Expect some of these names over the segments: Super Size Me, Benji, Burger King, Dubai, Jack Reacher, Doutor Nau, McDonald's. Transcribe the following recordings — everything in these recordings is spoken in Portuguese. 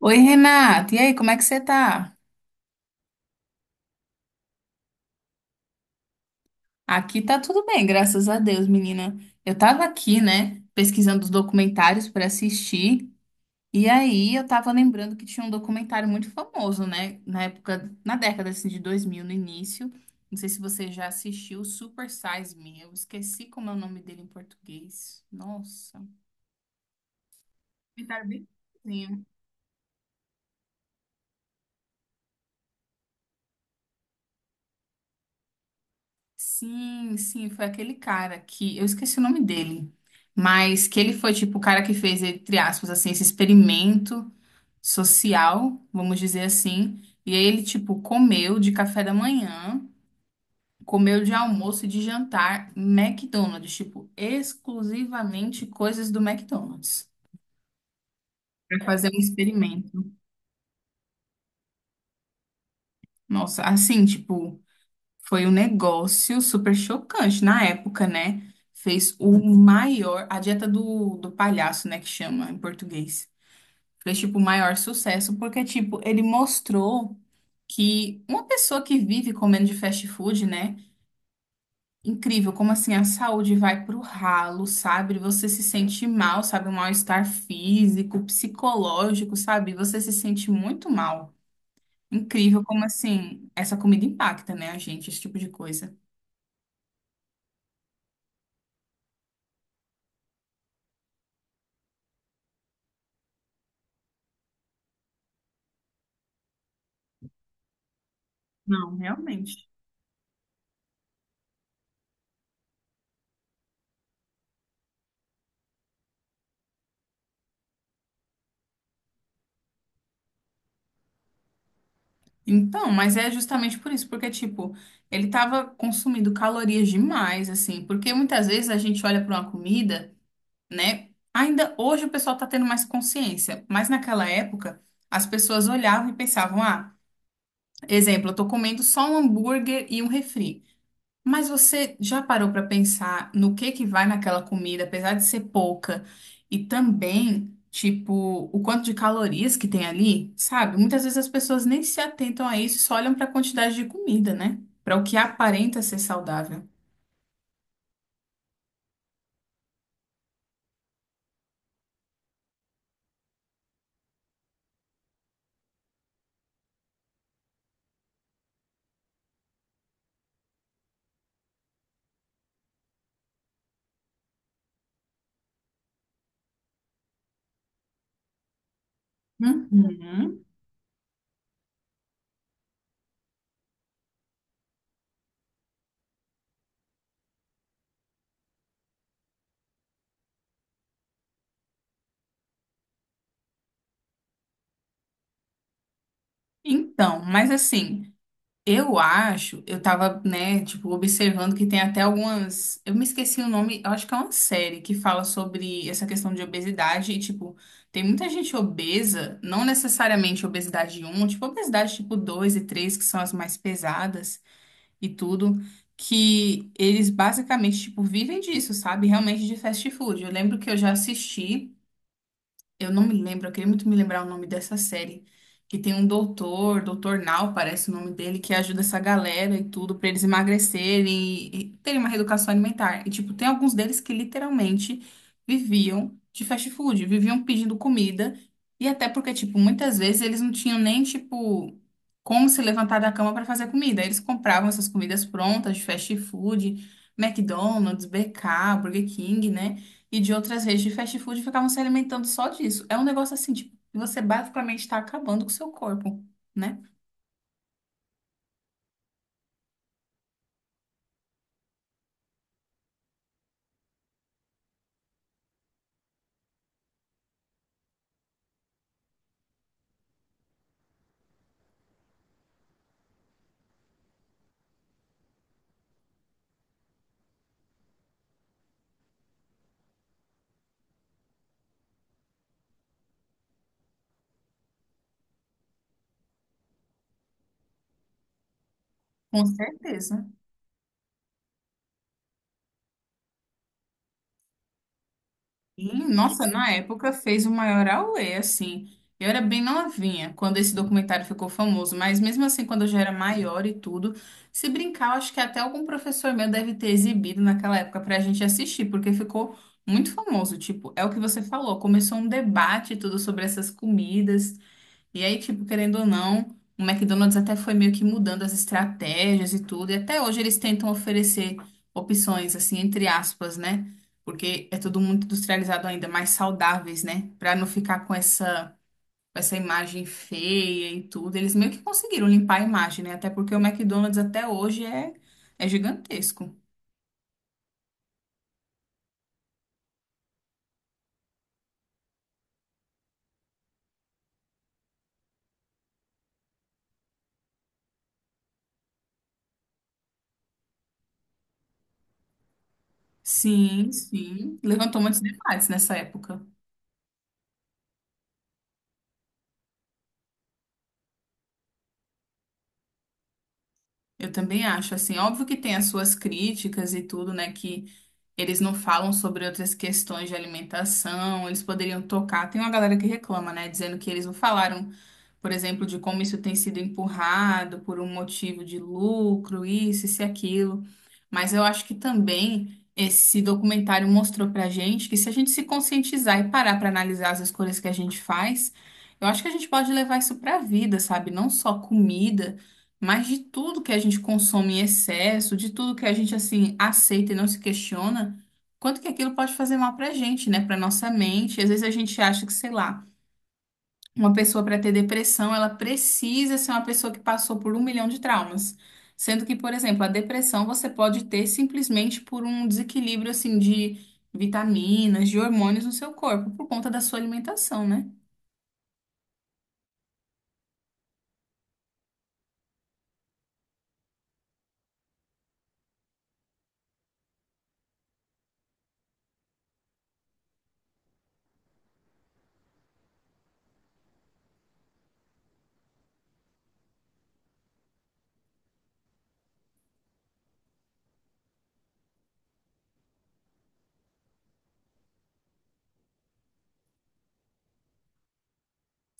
Oi, Renata. E aí, como é que você tá? Aqui tá tudo bem, graças a Deus, menina. Eu tava aqui, né, pesquisando os documentários pra assistir. E aí, eu tava lembrando que tinha um documentário muito famoso, né, na época, na década assim, de 2000, no início. Não sei se você já assistiu Super Size Me. Eu esqueci como é o nome dele em português. Nossa. Documentário bem famosinho. Sim, sim, foi aquele cara que eu esqueci o nome dele, mas que ele foi tipo o cara que fez, entre aspas, assim, esse experimento social, vamos dizer assim. E aí ele, tipo, comeu de café da manhã, comeu de almoço e de jantar McDonald's, tipo, exclusivamente coisas do McDonald's, pra fazer um experimento. Nossa, assim, tipo. Foi um negócio super chocante na época, né? Fez o maior, a dieta do palhaço, né, que chama em português. Fez, tipo, o maior sucesso, porque, tipo, ele mostrou que uma pessoa que vive comendo de fast food, né? Incrível, como assim a saúde vai pro ralo, sabe? Você se sente mal, sabe? Um mal-estar físico, psicológico, sabe? Você se sente muito mal. Incrível como assim essa comida impacta, né, a gente, esse tipo de coisa. Não, realmente. Então, mas é justamente por isso, porque, tipo, ele tava consumindo calorias demais, assim, porque muitas vezes a gente olha para uma comida, né? Ainda hoje o pessoal tá tendo mais consciência, mas naquela época as pessoas olhavam e pensavam, ah, exemplo, eu tô comendo só um hambúrguer e um refri. Mas você já parou para pensar no que vai naquela comida, apesar de ser pouca, e também, tipo, o quanto de calorias que tem ali, sabe? Muitas vezes as pessoas nem se atentam a isso, só olham para a quantidade de comida, né? Para o que aparenta ser saudável. Uhum. Então, mas assim. Eu acho, eu tava, né, tipo, observando que tem até algumas. Eu me esqueci o nome, eu acho que é uma série que fala sobre essa questão de obesidade e, tipo, tem muita gente obesa, não necessariamente obesidade um, tipo, obesidade tipo 2 e 3 que são as mais pesadas e tudo, que eles basicamente, tipo, vivem disso, sabe? Realmente de fast food. Eu lembro que eu já assisti. Eu não me lembro, eu queria muito me lembrar o nome dessa série. Que tem um doutor, Doutor Nau parece o nome dele, que ajuda essa galera e tudo pra eles emagrecerem e terem uma reeducação alimentar. E, tipo, tem alguns deles que literalmente viviam de fast food, viviam pedindo comida. E até porque, tipo, muitas vezes eles não tinham nem, tipo, como se levantar da cama pra fazer comida. Eles compravam essas comidas prontas de fast food, McDonald's, BK, Burger King, né? E de outras redes de fast food ficavam se alimentando só disso. É um negócio assim, tipo, que você basicamente está acabando com o seu corpo, né? Com certeza. E, nossa, na época fez o maior auê, assim. Eu era bem novinha quando esse documentário ficou famoso, mas mesmo assim, quando eu já era maior e tudo, se brincar, eu acho que até algum professor meu deve ter exibido naquela época pra gente assistir, porque ficou muito famoso. Tipo, é o que você falou, começou um debate e tudo sobre essas comidas. E aí, tipo, querendo ou não, o McDonald's até foi meio que mudando as estratégias e tudo, e até hoje eles tentam oferecer opções, assim, entre aspas, né? Porque é tudo muito industrializado ainda, mais saudáveis, né? Pra não ficar com essa imagem feia e tudo. Eles meio que conseguiram limpar a imagem, né? Até porque o McDonald's até hoje é, é gigantesco. Sim, sim. Levantou muitos debates nessa época. Eu também acho, assim, óbvio que tem as suas críticas e tudo, né? Que eles não falam sobre outras questões de alimentação, eles poderiam tocar. Tem uma galera que reclama, né, dizendo que eles não falaram, por exemplo, de como isso tem sido empurrado por um motivo de lucro, isso e aquilo. Mas eu acho que também esse documentário mostrou pra gente que se a gente se conscientizar e parar para analisar as escolhas que a gente faz, eu acho que a gente pode levar isso pra vida, sabe? Não só comida, mas de tudo que a gente consome em excesso, de tudo que a gente assim aceita e não se questiona. Quanto que aquilo pode fazer mal pra gente, né? Pra nossa mente. Às vezes a gente acha que, sei lá, uma pessoa para ter depressão, ela precisa ser uma pessoa que passou por um milhão de traumas. Sendo que, por exemplo, a depressão você pode ter simplesmente por um desequilíbrio assim de vitaminas, de hormônios no seu corpo, por conta da sua alimentação, né?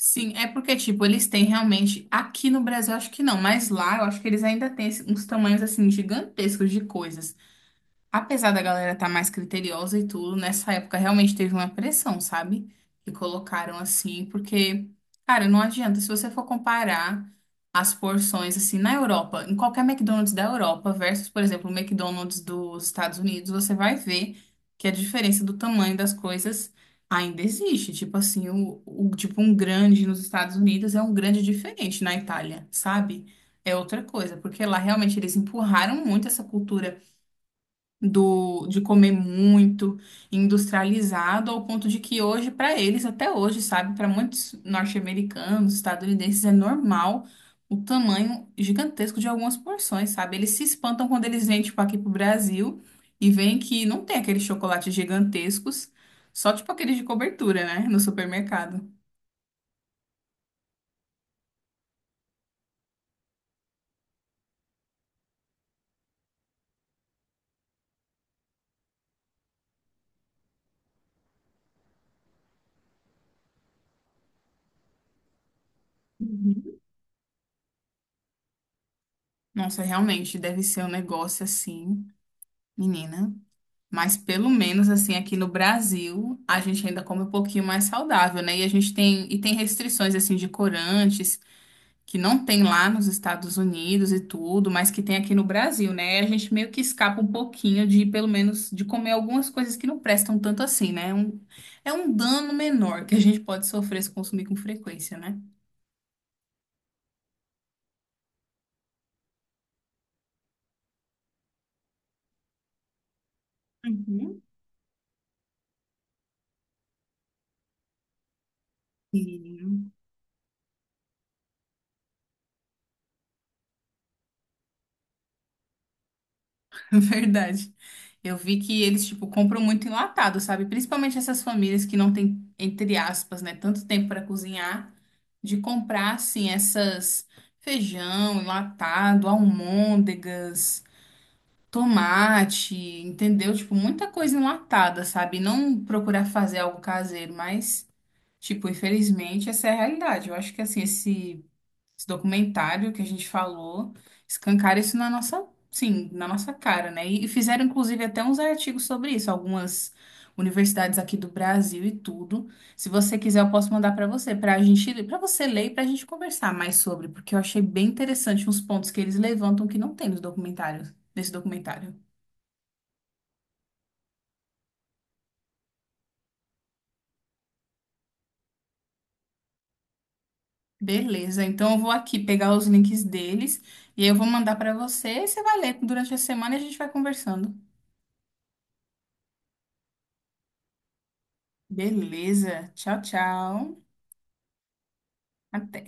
Sim, é porque, tipo, eles têm realmente. Aqui no Brasil, acho que não, mas lá eu acho que eles ainda têm uns tamanhos assim gigantescos de coisas. Apesar da galera estar mais criteriosa e tudo, nessa época realmente teve uma pressão, sabe? Que colocaram assim, porque, cara, não adianta. Se você for comparar as porções, assim, na Europa, em qualquer McDonald's da Europa versus, por exemplo, o McDonald's dos Estados Unidos, você vai ver que a diferença do tamanho das coisas ainda existe. Tipo assim, tipo um grande nos Estados Unidos é um grande diferente na Itália, sabe? É outra coisa, porque lá realmente eles empurraram muito essa cultura do, de comer muito, industrializado, ao ponto de que hoje, para eles, até hoje, sabe, para muitos norte-americanos, estadunidenses, é normal o tamanho gigantesco de algumas porções, sabe? Eles se espantam quando eles vêm, tipo, aqui pro Brasil e veem que não tem aqueles chocolates gigantescos, só, tipo, aqueles de cobertura, né, no supermercado. Uhum. Nossa, realmente, deve ser um negócio assim, menina. Mas pelo menos assim aqui no Brasil, a gente ainda come um pouquinho mais saudável, né? E a gente tem restrições assim de corantes que não tem lá nos Estados Unidos e tudo, mas que tem aqui no Brasil, né? A gente meio que escapa um pouquinho de pelo menos de comer algumas coisas que não prestam tanto assim, né? Um, é um dano menor que a gente pode sofrer se consumir com frequência, né? Uhum. Sim. Verdade. Eu vi que eles, tipo, compram muito enlatado, sabe? Principalmente essas famílias que não têm, entre aspas, né, tanto tempo para cozinhar, de comprar, assim, essas feijão enlatado, almôndegas, tomate, entendeu? Tipo, muita coisa enlatada, sabe? Não procurar fazer algo caseiro, mas, tipo, infelizmente, essa é a realidade. Eu acho que, assim, esse documentário que a gente falou, escancara isso na nossa, sim, na nossa cara, né? E fizeram, inclusive, até uns artigos sobre isso, algumas universidades aqui do Brasil e tudo. Se você quiser, eu posso mandar para você, para a gente, para você ler e para a gente conversar mais sobre, porque eu achei bem interessante uns pontos que eles levantam que não tem nos documentários, nesse documentário. Beleza, então eu vou aqui pegar os links deles e aí eu vou mandar para você e você vai ler durante a semana e a gente vai conversando. Beleza, tchau, tchau. Até.